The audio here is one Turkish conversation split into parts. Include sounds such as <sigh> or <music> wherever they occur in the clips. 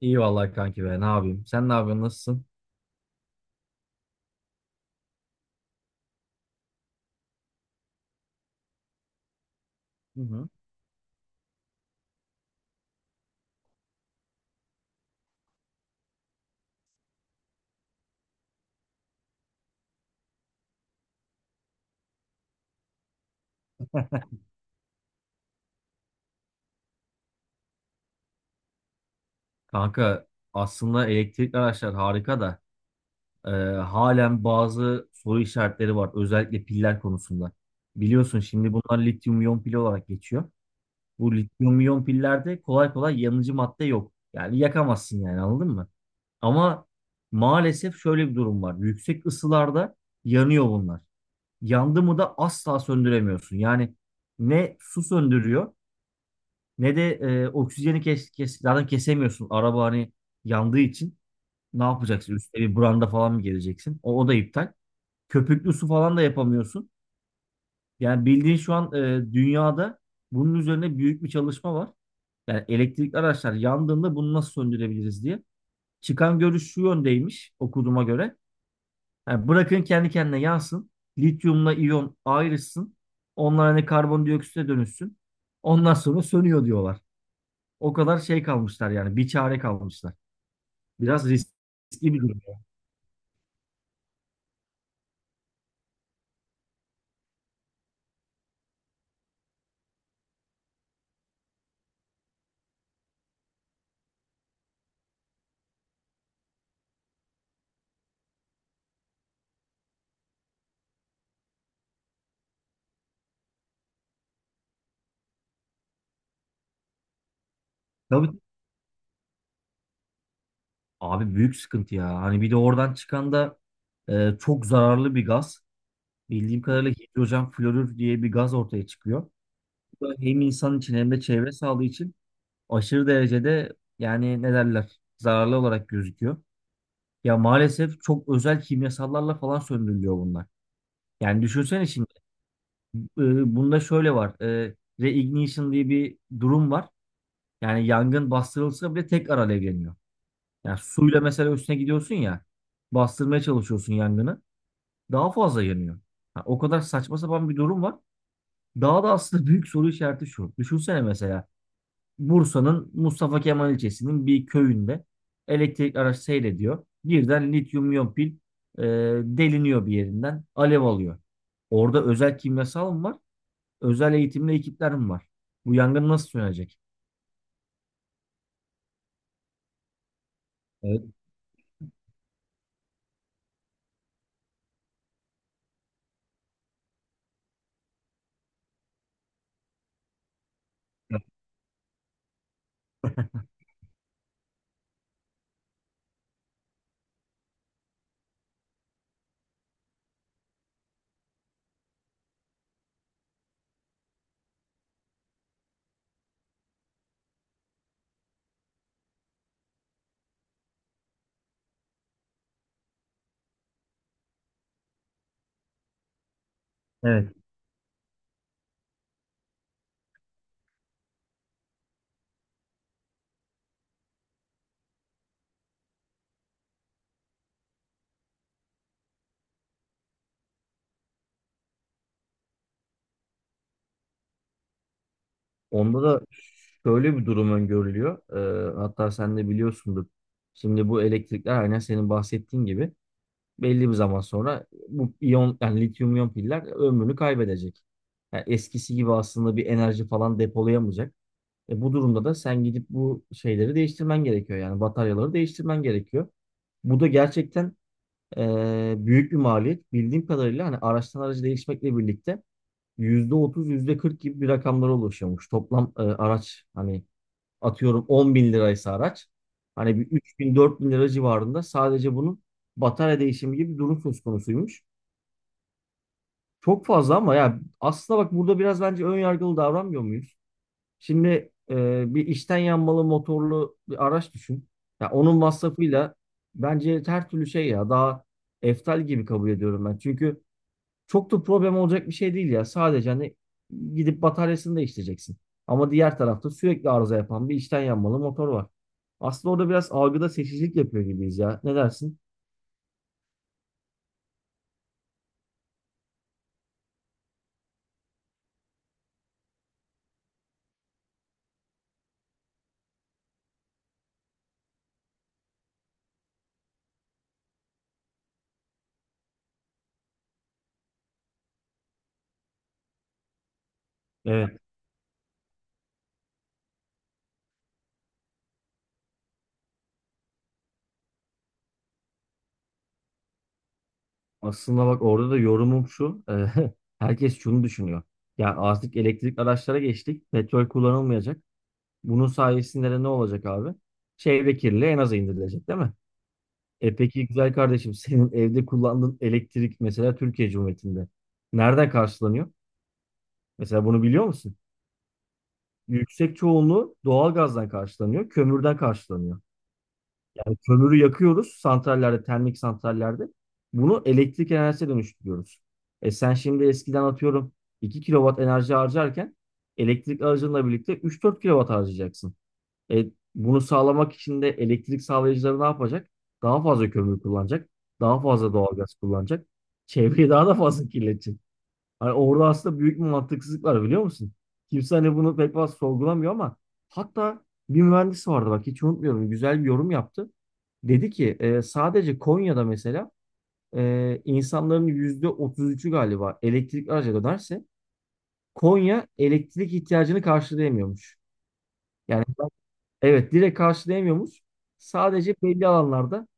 İyi vallahi kanki be ne yapayım. Sen ne yapıyorsun, nasılsın? Hı hı. Kanka aslında elektrikli araçlar harika da e, halen bazı soru işaretleri var. Özellikle piller konusunda. Biliyorsun şimdi bunlar lityum iyon pil olarak geçiyor. Bu lityum iyon pillerde kolay kolay yanıcı madde yok. Yani yakamazsın, yani anladın mı? Ama maalesef şöyle bir durum var. Yüksek ısılarda yanıyor bunlar. Yandı mı da asla söndüremiyorsun. Yani ne su söndürüyor ne de oksijeni kes, zaten kesemiyorsun. Araba hani yandığı için ne yapacaksın? Üstüne bir branda falan mı geleceksin? O da iptal. Köpüklü su falan da yapamıyorsun. Yani bildiğin şu an dünyada bunun üzerine büyük bir çalışma var. Yani elektrikli araçlar yandığında bunu nasıl söndürebiliriz diye. Çıkan görüş şu yöndeymiş okuduğuma göre. Yani bırakın kendi kendine yansın. Lityumla iyon ayrışsın. Onlar hani karbondioksite dönüşsün. Ondan sonra sönüyor diyorlar. O kadar şey kalmışlar, yani bir çare kalmışlar. Biraz riskli bir durum. Tabii abi, büyük sıkıntı ya. Hani bir de oradan çıkan da çok zararlı bir gaz. Bildiğim kadarıyla hidrojen florür diye bir gaz ortaya çıkıyor. Bu da hem insan için hem de çevre sağlığı için aşırı derecede, yani ne derler, zararlı olarak gözüküyor. Ya maalesef çok özel kimyasallarla falan söndürülüyor bunlar. Yani düşünsene şimdi bunda şöyle var. Reignition diye bir durum var. Yani yangın bastırılsa bile tekrar alevleniyor. Yani suyla mesela üstüne gidiyorsun ya, bastırmaya çalışıyorsun yangını, daha fazla yanıyor. Ha, o kadar saçma sapan bir durum var. Daha da aslında <laughs> büyük soru işareti şu. Düşünsene mesela Bursa'nın Mustafa Kemal ilçesinin bir köyünde elektrik araç seyrediyor. Birden lityum iyon pil e, deliniyor bir yerinden, alev alıyor. Orada özel kimyasal mı var? Özel eğitimli ekipler mi var? Bu yangın nasıl sönecek? Evet. Evet. Onda da şöyle bir durum öngörülüyor. Hatta sen de biliyorsundur. Şimdi bu elektrikler aynen senin bahsettiğin gibi belli bir zaman sonra bu iyon, yani lityum iyon piller ömrünü kaybedecek. Yani eskisi gibi aslında bir enerji falan depolayamayacak. E bu durumda da sen gidip bu şeyleri değiştirmen gerekiyor. Yani bataryaları değiştirmen gerekiyor. Bu da gerçekten büyük bir maliyet. Bildiğim kadarıyla hani araçtan araca değişmekle birlikte %30, %40 gibi bir rakamlara ulaşıyormuş. Toplam araç hani atıyorum 10 bin liraysa araç hani bir 3 bin 4 bin lira civarında sadece bunun batarya değişimi gibi bir durum söz konusuymuş. Çok fazla ama ya aslında bak, burada biraz bence ön yargılı davranmıyor muyuz? Şimdi bir içten yanmalı motorlu bir araç düşün. Ya onun masrafıyla bence her türlü şey, ya daha eftal gibi kabul ediyorum ben. Çünkü çok da problem olacak bir şey değil ya. Sadece hani gidip bataryasını değiştireceksin. Ama diğer tarafta sürekli arıza yapan bir içten yanmalı motor var. Aslında orada biraz algıda seçicilik yapıyor gibiyiz ya. Ne dersin? Evet. Aslında bak, orada da yorumum şu. <laughs> Herkes şunu düşünüyor. Ya artık elektrikli araçlara geçtik. Petrol kullanılmayacak. Bunun sayesinde de ne olacak abi? Çevre kirliliği en aza indirilecek değil mi? E peki güzel kardeşim, senin evde kullandığın elektrik mesela Türkiye Cumhuriyeti'nde nereden karşılanıyor? Mesela bunu biliyor musun? Yüksek çoğunluğu doğalgazdan karşılanıyor, kömürden karşılanıyor. Yani kömürü yakıyoruz santrallerde, termik santrallerde. Bunu elektrik enerjisine dönüştürüyoruz. E sen şimdi eskiden atıyorum 2 kilowatt enerji harcarken, elektrik aracınla birlikte 3 4 kilowatt harcayacaksın. E bunu sağlamak için de elektrik sağlayıcıları ne yapacak? Daha fazla kömür kullanacak, daha fazla doğalgaz kullanacak. Çevreyi daha da fazla kirletecek. Hani orada aslında büyük bir mantıksızlık var, biliyor musun? Kimse hani bunu pek fazla sorgulamıyor ama hatta bir mühendis vardı, bak hiç unutmuyorum, güzel bir yorum yaptı. Dedi ki sadece Konya'da mesela insanların %33'ü galiba elektrikli araca dönerse Konya elektrik ihtiyacını karşılayamıyormuş. Yani evet, direkt karşılayamıyormuş. Sadece belli alanlarda,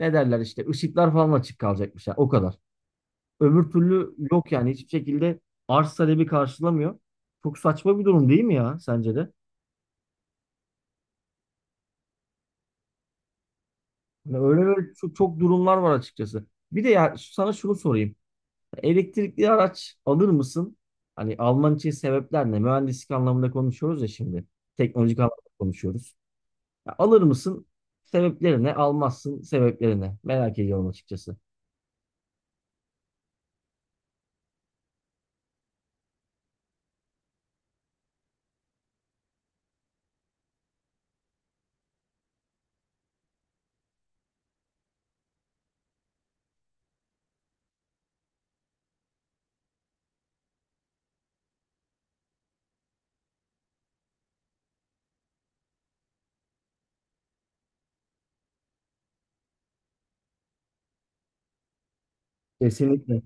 ne derler işte, ışıklar falan açık kalacakmış. Yani o kadar. Öbür türlü yok, yani hiçbir şekilde arz talebi karşılamıyor. Çok saçma bir durum değil mi ya, sence de? Yani öyle böyle çok, çok durumlar var açıkçası. Bir de ya sana şunu sorayım. Elektrikli araç alır mısın? Hani alman için sebepler ne? Mühendislik anlamında konuşuyoruz ya şimdi. Teknolojik anlamda konuşuyoruz. Ya alır mısın? Sebepleri ne? Almazsın, sebepleri ne? Merak ediyorum açıkçası. Kesinlikle.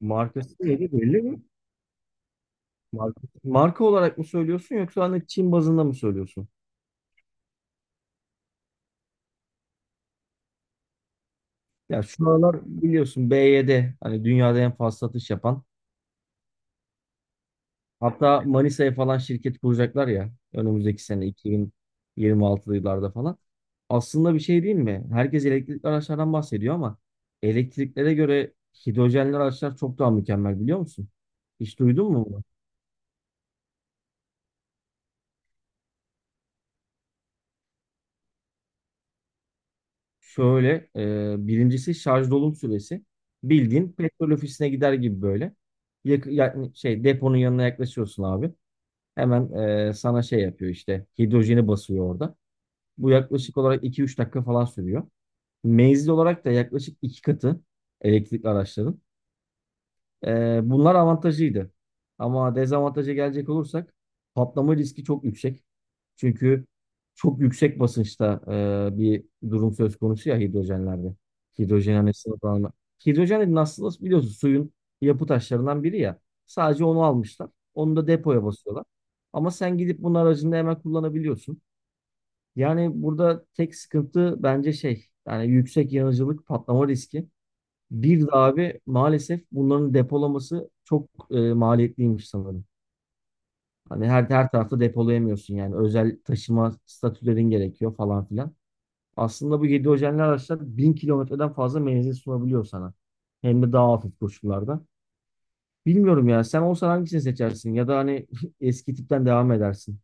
Markası neydi, belli mi? Marka olarak mı söylüyorsun yoksa hani Çin bazında mı söylüyorsun? Ya şu aralar biliyorsun BYD hani dünyada en fazla satış yapan. Hatta Manisa'ya falan şirket kuracaklar ya, önümüzdeki sene, 2026'lı yıllarda falan. Aslında bir şey değil mi? Herkes elektrikli araçlardan bahsediyor ama elektriklere göre hidrojenli araçlar çok daha mükemmel, biliyor musun? Hiç duydun mu bunu? Şöyle, birincisi şarj dolum süresi. Bildiğin petrol ofisine gider gibi böyle. Yani şey, deponun yanına yaklaşıyorsun abi. Hemen sana şey yapıyor, işte hidrojeni basıyor orada. Bu yaklaşık olarak iki üç dakika falan sürüyor. Menzil olarak da yaklaşık 2 katı elektrikli araçların. Bunlar avantajıydı. Ama dezavantaja gelecek olursak, patlama riski çok yüksek. Çünkü çok yüksek basınçta bir durum söz konusu ya hidrojenlerde. Hidrojen hani sıvılanma. Hidrojen, nasıl biliyorsun, suyun yapı taşlarından biri ya. Sadece onu almışlar. Onu da depoya basıyorlar. Ama sen gidip bunun aracında hemen kullanabiliyorsun. Yani burada tek sıkıntı bence şey, yani yüksek yanıcılık, patlama riski. Bir de abi maalesef bunların depolaması çok maliyetliymiş sanırım. Hani her tarafta depolayamıyorsun, yani özel taşıma statülerin gerekiyor falan filan. Aslında bu yedi hidrojenli araçlar 1000 kilometreden fazla menzil sunabiliyor sana. Hem de daha hafif koşullarda. Bilmiyorum ya, sen olsan hangisini seçersin ya da hani <laughs> eski tipten devam edersin.